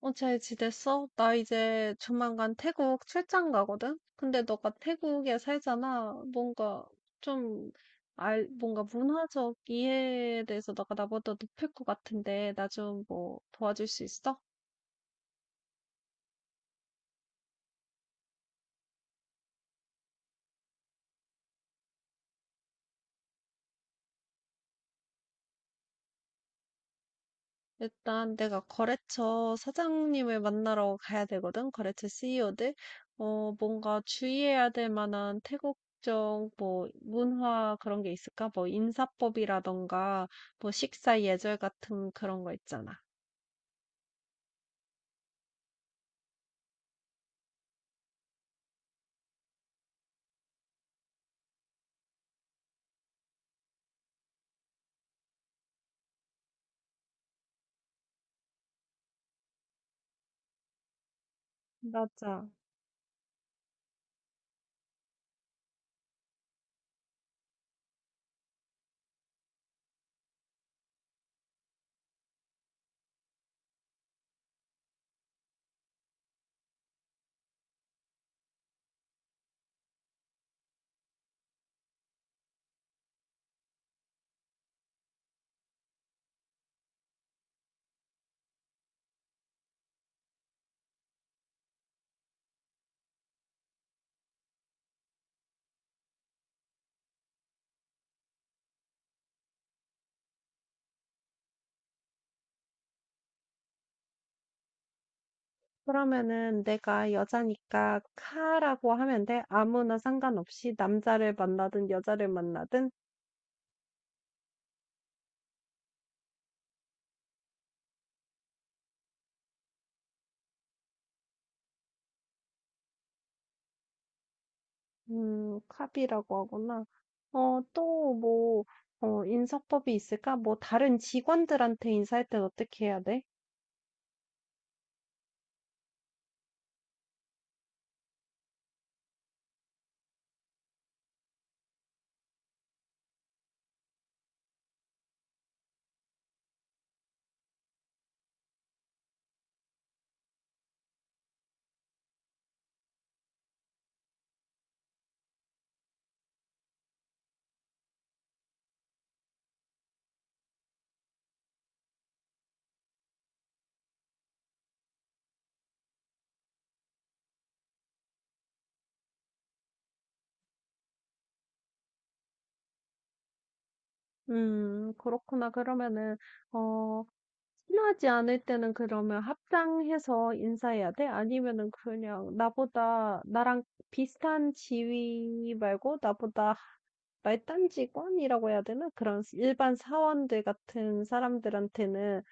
어, 잘 지냈어? 나 이제 조만간 태국 출장 가거든? 근데 너가 태국에 살잖아. 뭔가 좀 뭔가 문화적 이해에 대해서 너가 나보다 높을 것 같은데, 나 좀 뭐 도와줄 수 있어? 일단 내가 거래처 사장님을 만나러 가야 되거든? 거래처 CEO들? 어, 뭔가 주의해야 될 만한 태국적 뭐 문화 그런 게 있을까? 뭐 인사법이라던가 뭐 식사 예절 같은 그런 거 있잖아. 맞아. 그러면은 내가 여자니까 카라고 하면 돼. 아무나 상관없이 남자를 만나든 여자를 만나든, 카비라고 하구나. 어, 또 뭐, 어, 인사법이 있을까? 뭐 다른 직원들한테 인사할 땐 어떻게 해야 돼? 그렇구나. 그러면은, 어, 친하지 않을 때는 그러면 합당해서 인사해야 돼? 아니면은 그냥 나보다 나랑 비슷한 지위 말고 나보다 말단 직원이라고 해야 되나? 그런 일반 사원들 같은 사람들한테는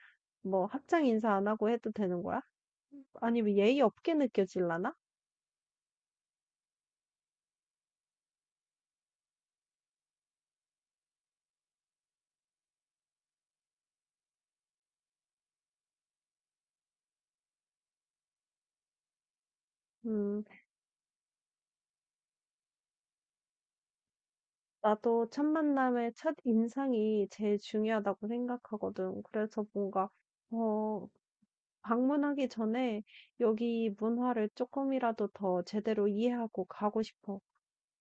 뭐 합장 인사 안 하고 해도 되는 거야? 아니, 왜 예의 없게 느껴질라나? 음, 나도 첫 만남의 첫 인상이 제일 중요하다고 생각하거든. 그래서 뭔가, 어, 방문하기 전에 여기 문화를 조금이라도 더 제대로 이해하고 가고 싶어.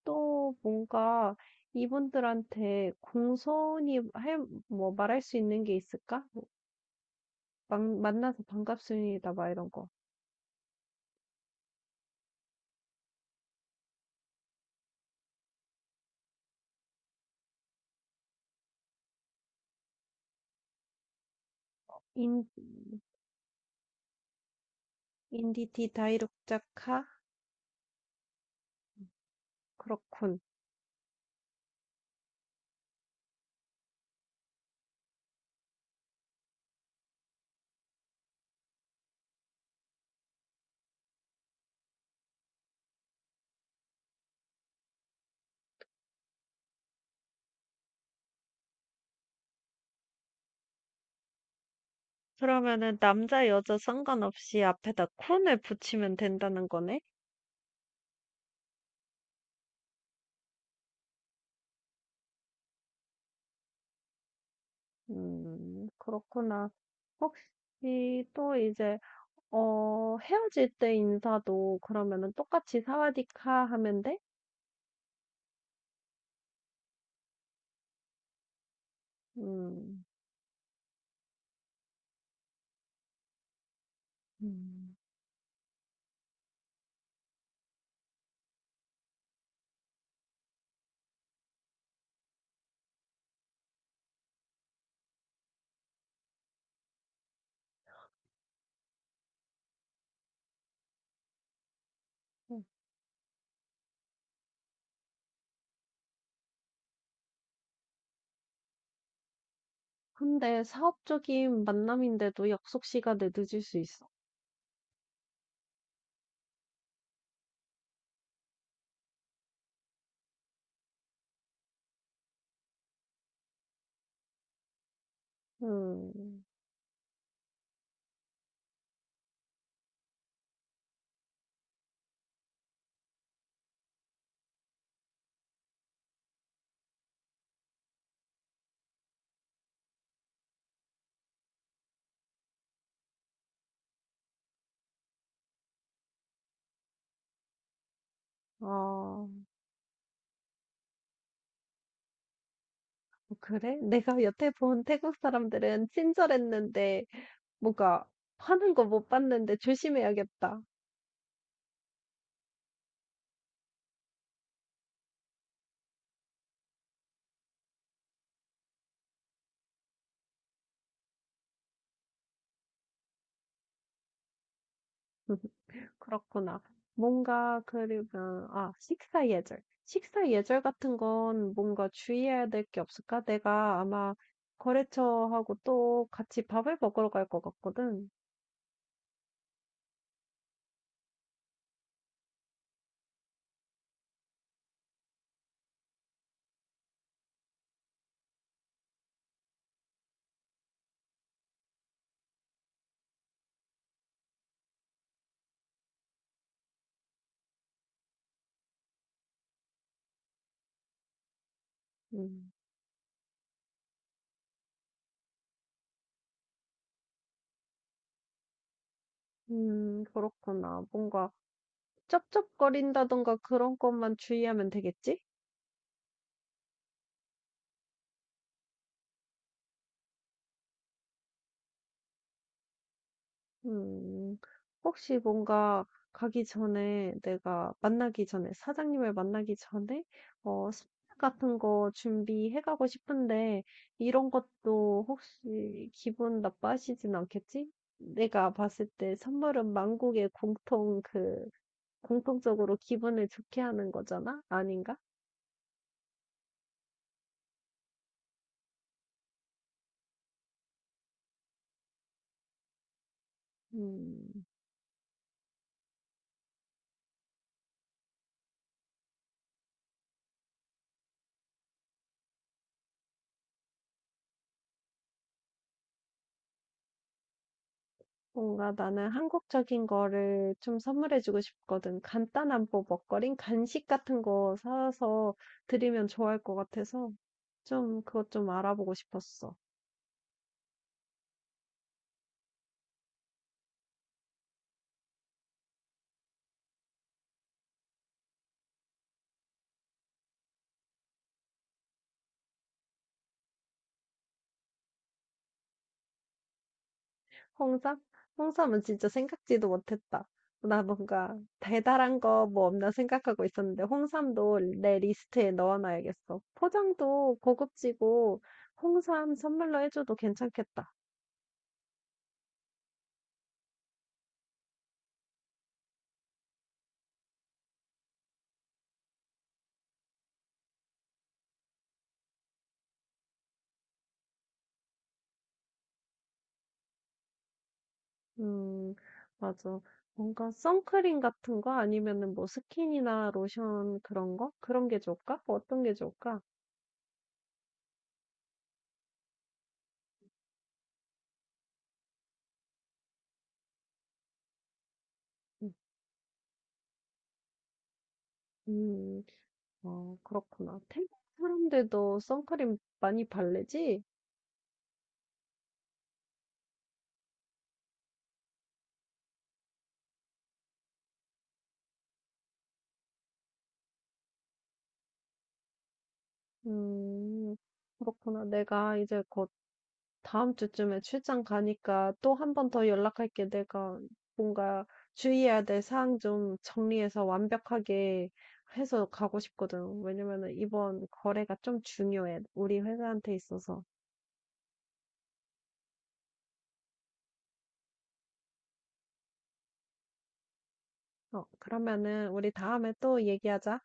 또 뭔가 이분들한테 공손히 할, 뭐 말할 수 있는 게 있을까? 뭐 만나서 반갑습니다. 막 이런 거. 인, 인디티 다이룩자카? 그렇군. 그러면은 남자 여자 상관없이 앞에다 쿤을 붙이면 된다는 거네? 그렇구나. 혹시 또 이제 어, 헤어질 때 인사도 그러면은 똑같이 사와디카 하면 돼? 음. 음. 근데 사업적인 만남인데도 약속 시간에 늦을 수 있어? 음. 아, 그래? 내가 여태 본 태국 사람들은 친절했는데 뭔가 하는 거 못 봤는데 조심해야겠다. 그렇구나. 뭔가 그러면 아 식사 예절. 식사 예절 같은 건 뭔가 주의해야 될 게 없을까? 내가 아마 거래처하고 또 같이 밥을 먹으러 갈 것 같거든. 음, 그렇구나. 뭔가 쩝쩝거린다던가 그런 것만 주의하면 되겠지? 음. 혹시 뭔가 가기 전에 내가 만나기 전에 사장님을 만나기 전에 어 스낵 같은 거 준비해 가고 싶은데 이런 것도 혹시 기분 나빠하시진 않겠지? 내가 봤을 때 선물은 만국의 공통 그 공통적으로 기분을 좋게 하는 거잖아? 아닌가? 음. 뭔가 나는 한국적인 거를 좀 선물해주고 싶거든. 간단한 뭐 먹거리, 간식 같은 거 사서 드리면 좋아할 것 같아서 좀 그것 좀 알아보고 싶었어. 홍삼? 홍삼은 진짜 생각지도 못했다. 나 뭔가 대단한 거 뭐 없나 생각하고 있었는데 홍삼도 내 리스트에 넣어놔야겠어. 포장도 고급지고 홍삼 선물로 해줘도 괜찮겠다. 음, 맞아. 뭔가 선크림 같은 거 아니면은 뭐 스킨이나 로션 그런 거? 그런 게 좋을까? 뭐 어떤 게 좋을까? 음, 음, 어, 그렇구나. 태국 사람들도 선크림 많이 바르지? 음, 그렇구나. 내가 이제 곧 다음 주쯤에 출장 가니까 또 한 번 더 연락할게. 내가 뭔가 주의해야 될 사항 좀 정리해서 완벽하게 해서 가고 싶거든. 왜냐면은 이번 거래가 좀 중요해. 우리 회사한테 있어서. 어, 그러면은 우리 다음에 또 얘기하자.